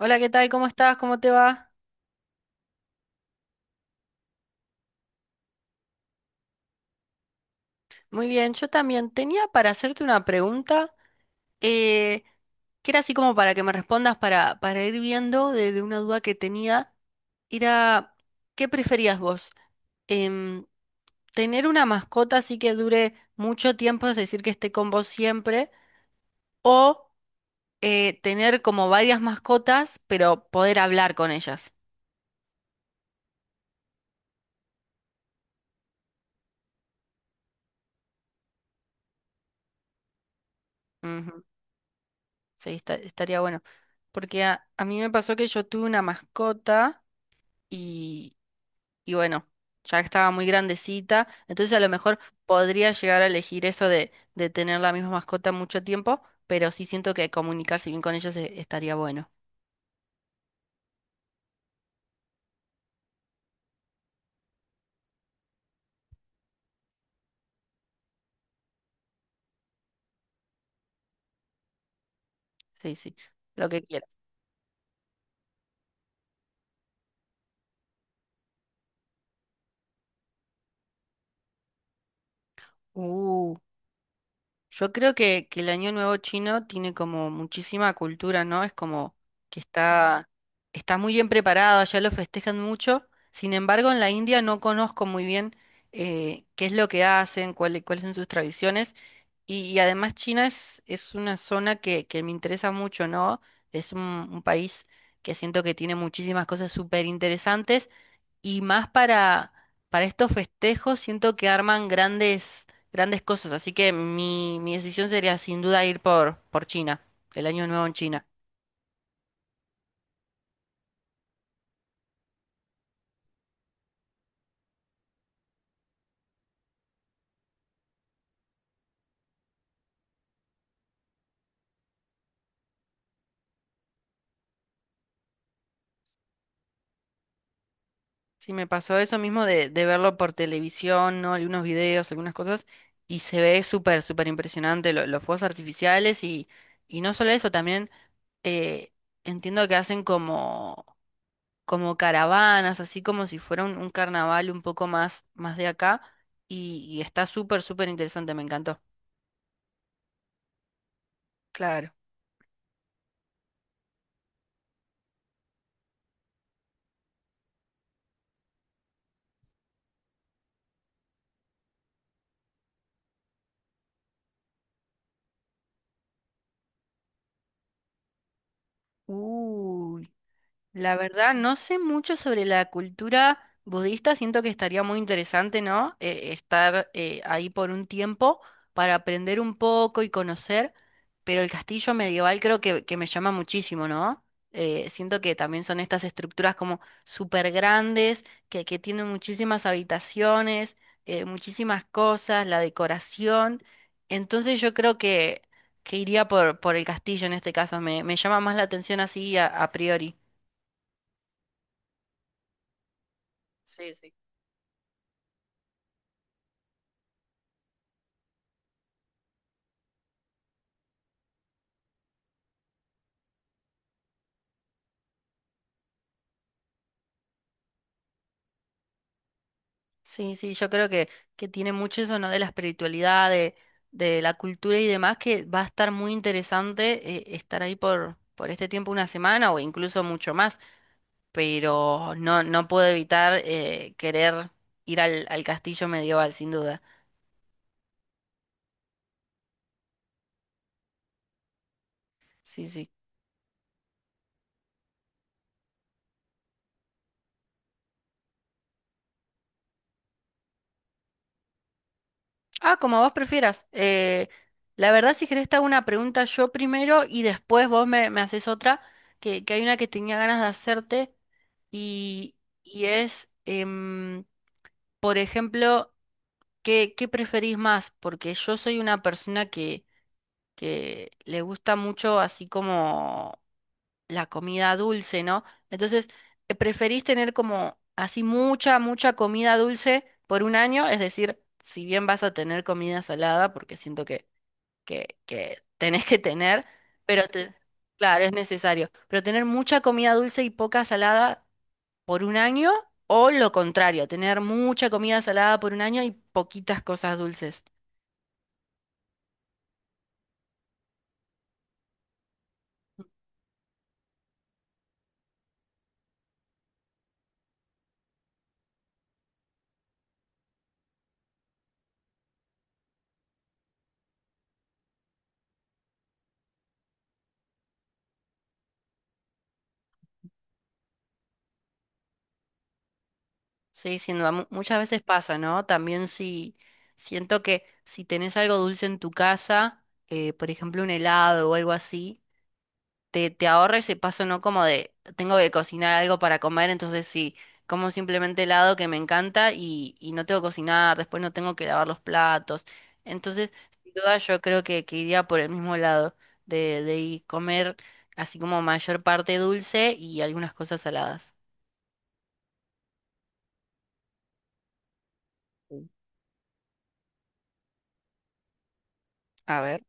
Hola, ¿qué tal? ¿Cómo estás? ¿Cómo te va? Muy bien, yo también tenía para hacerte una pregunta eh, que era así como para que me respondas para ir viendo de una duda que tenía. Era, ¿qué preferías vos? Em, ¿Tener una mascota así que dure mucho tiempo, es decir, que esté con vos siempre? ¿O tener como varias mascotas, pero poder hablar con ellas? Ujú. Sí, estaría bueno. Porque a mí me pasó que yo tuve una mascota. y, y bueno, ya estaba muy grandecita, entonces a lo mejor podría llegar a elegir eso de tener la misma mascota mucho tiempo, pero sí siento que comunicarse bien con ellos estaría bueno. Sí, sí, lo que quieras. Uh. Yo creo que el Año Nuevo chino tiene como muchísima cultura, ¿no? Es como que está muy bien preparado, allá lo festejan mucho. Sin embargo, en la India no conozco muy bien qué es lo que hacen, cuáles son sus tradiciones. Y además China es una zona que me interesa mucho, ¿no? Es un país que siento que tiene muchísimas cosas súper interesantes y más para estos festejos siento que arman grandes cosas, así que mi decisión sería sin duda ir por China, el año nuevo en China. Sí, me pasó eso mismo de verlo por televisión, ¿no? Algunos videos, algunas cosas, y se ve súper impresionante los fuegos artificiales y no solo eso, también eh, entiendo que hacen como como caravanas, así como si fuera un carnaval un poco más de acá. Y está súper interesante, me encantó. Claro. Uy. La verdad, no sé mucho sobre la cultura budista, siento que estaría muy interesante, ¿no? Estar ahí por un tiempo para aprender un poco y conocer, pero el castillo medieval creo que me llama muchísimo, ¿no? Siento que también son estas estructuras como súper grandes, que tienen muchísimas habitaciones, muchísimas cosas, la decoración. Entonces yo creo que iría por el castillo en este caso, me llama más la atención así a priori. Sí, sí. Sí, sí, yo creo que tiene mucho eso, ¿no? De la espiritualidad, de la cultura y demás, que va a estar muy interesante estar ahí por este tiempo, una semana o incluso mucho más, pero no, no puedo evitar querer ir al castillo medieval, sin duda. Sí, sí. Ah, como vos prefieras. La verdad, si querés te hago una pregunta yo primero y después vos me haces otra, que hay una que tenía ganas de hacerte y, y es... Por ejemplo, ¿ qué preferís más? Porque yo soy una persona que le gusta mucho así como la comida dulce, ¿no? Entonces, ¿preferís tener como así mucha comida dulce por un año? Es decir, si bien vas a tener comida salada, porque siento que tenés que tener, pero claro, es necesario, pero tener mucha comida dulce y poca salada por un año o lo contrario, tener mucha comida salada por un año y poquitas cosas dulces. Sí, sin duda, muchas veces pasa, ¿no? También si siento que si tenés algo dulce en tu casa, por ejemplo un helado o algo así, te ahorra ese paso, ¿no? Como de, tengo que cocinar algo para comer, entonces sí, como simplemente helado que me encanta y no tengo que cocinar, después no tengo que lavar los platos. Entonces, sin duda yo creo que iría por el mismo lado de ir comer así como mayor parte dulce y algunas cosas saladas. Sí. A ver.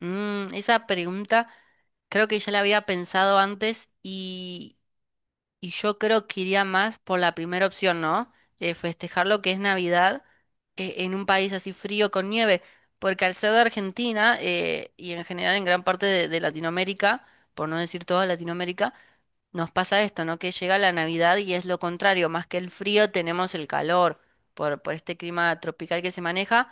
Mm, esa pregunta creo que ya la había pensado antes y Y yo creo que iría más por la primera opción, ¿no? De festejar lo que es Navidad en un país así frío con nieve, porque al ser de Argentina y en general en gran parte de Latinoamérica, por no decir toda Latinoamérica, nos pasa esto, ¿no? Que llega la Navidad y es lo contrario, más que el frío tenemos el calor por este clima tropical que se maneja.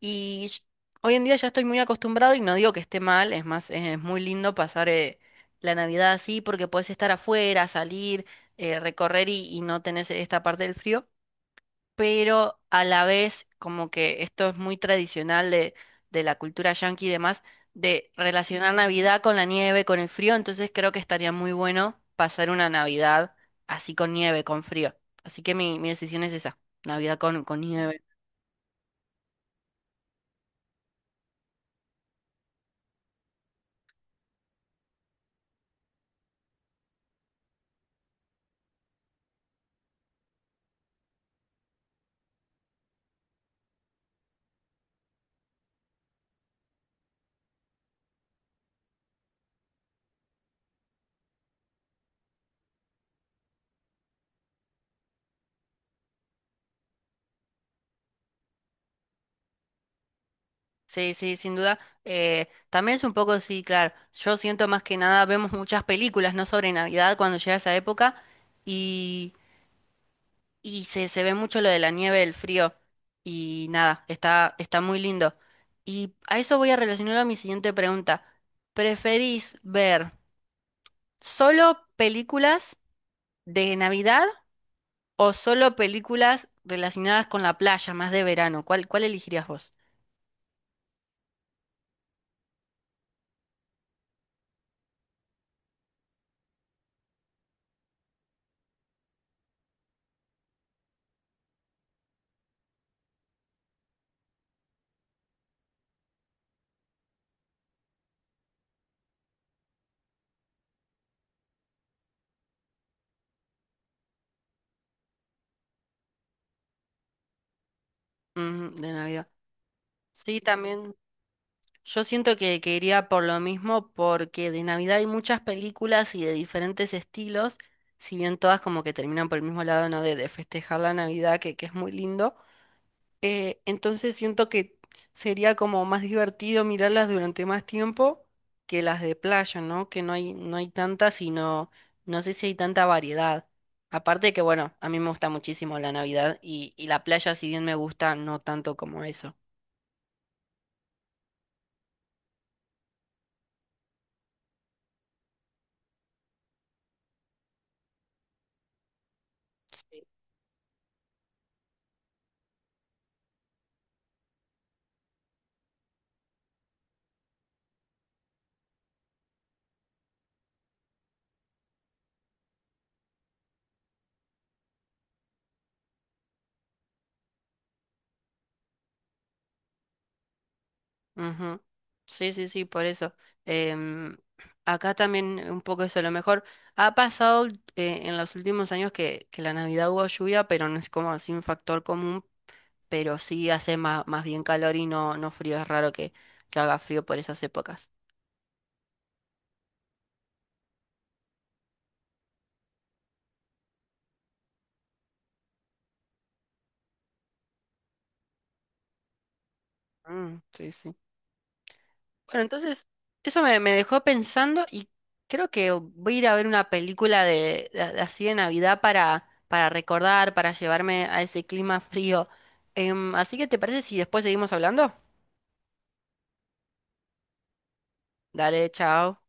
Y sh- Hoy en día ya estoy muy acostumbrado y no digo que esté mal, es más, es muy lindo pasar la Navidad así porque podés estar afuera, salir, recorrer y no tenés esta parte del frío, pero a la vez, como que esto es muy tradicional de la cultura yankee y demás, de relacionar Navidad con la nieve, con el frío, entonces creo que estaría muy bueno pasar una Navidad así con nieve, con frío. Así que mi decisión es esa, Navidad con nieve. Sí, sí, sin duda. También es un poco, sí, claro, yo siento más que nada, vemos muchas películas, ¿no? Sobre Navidad cuando llega esa época. Y se ve mucho lo de la nieve, el frío. Y nada, está muy lindo. Y a eso voy a relacionarlo a mi siguiente pregunta. ¿Preferís ver solo películas de Navidad o solo películas relacionadas con la playa, más de verano? ¿ cuál elegirías vos? Mm, de Navidad. Sí, también. Yo siento que iría por lo mismo porque de Navidad hay muchas películas y de diferentes estilos, si bien todas como que terminan por el mismo lado, ¿no? De festejar la Navidad, que es muy lindo. Entonces siento que sería como más divertido mirarlas durante más tiempo que las de playa, ¿no? Que no hay, no hay tantas y no, no sé si hay tanta variedad. Aparte que, bueno, a mí me gusta muchísimo la Navidad y la playa, si bien me gusta, no tanto como eso. Ujú. Sí, sí, sí, por eso. Em, acá también un poco eso, a lo mejor ha pasado en los últimos años que la Navidad hubo lluvia, pero no es como así un factor común, pero sí hace más, más bien calor y no, no frío, es raro que haga frío por esas épocas. Mm, sí, sí. Bueno, entonces eso me dejó pensando y creo que voy a ir a ver una película de así de Navidad para recordar, para llevarme a ese clima frío. Em, así que ¿te parece si después seguimos hablando? Dale, chao.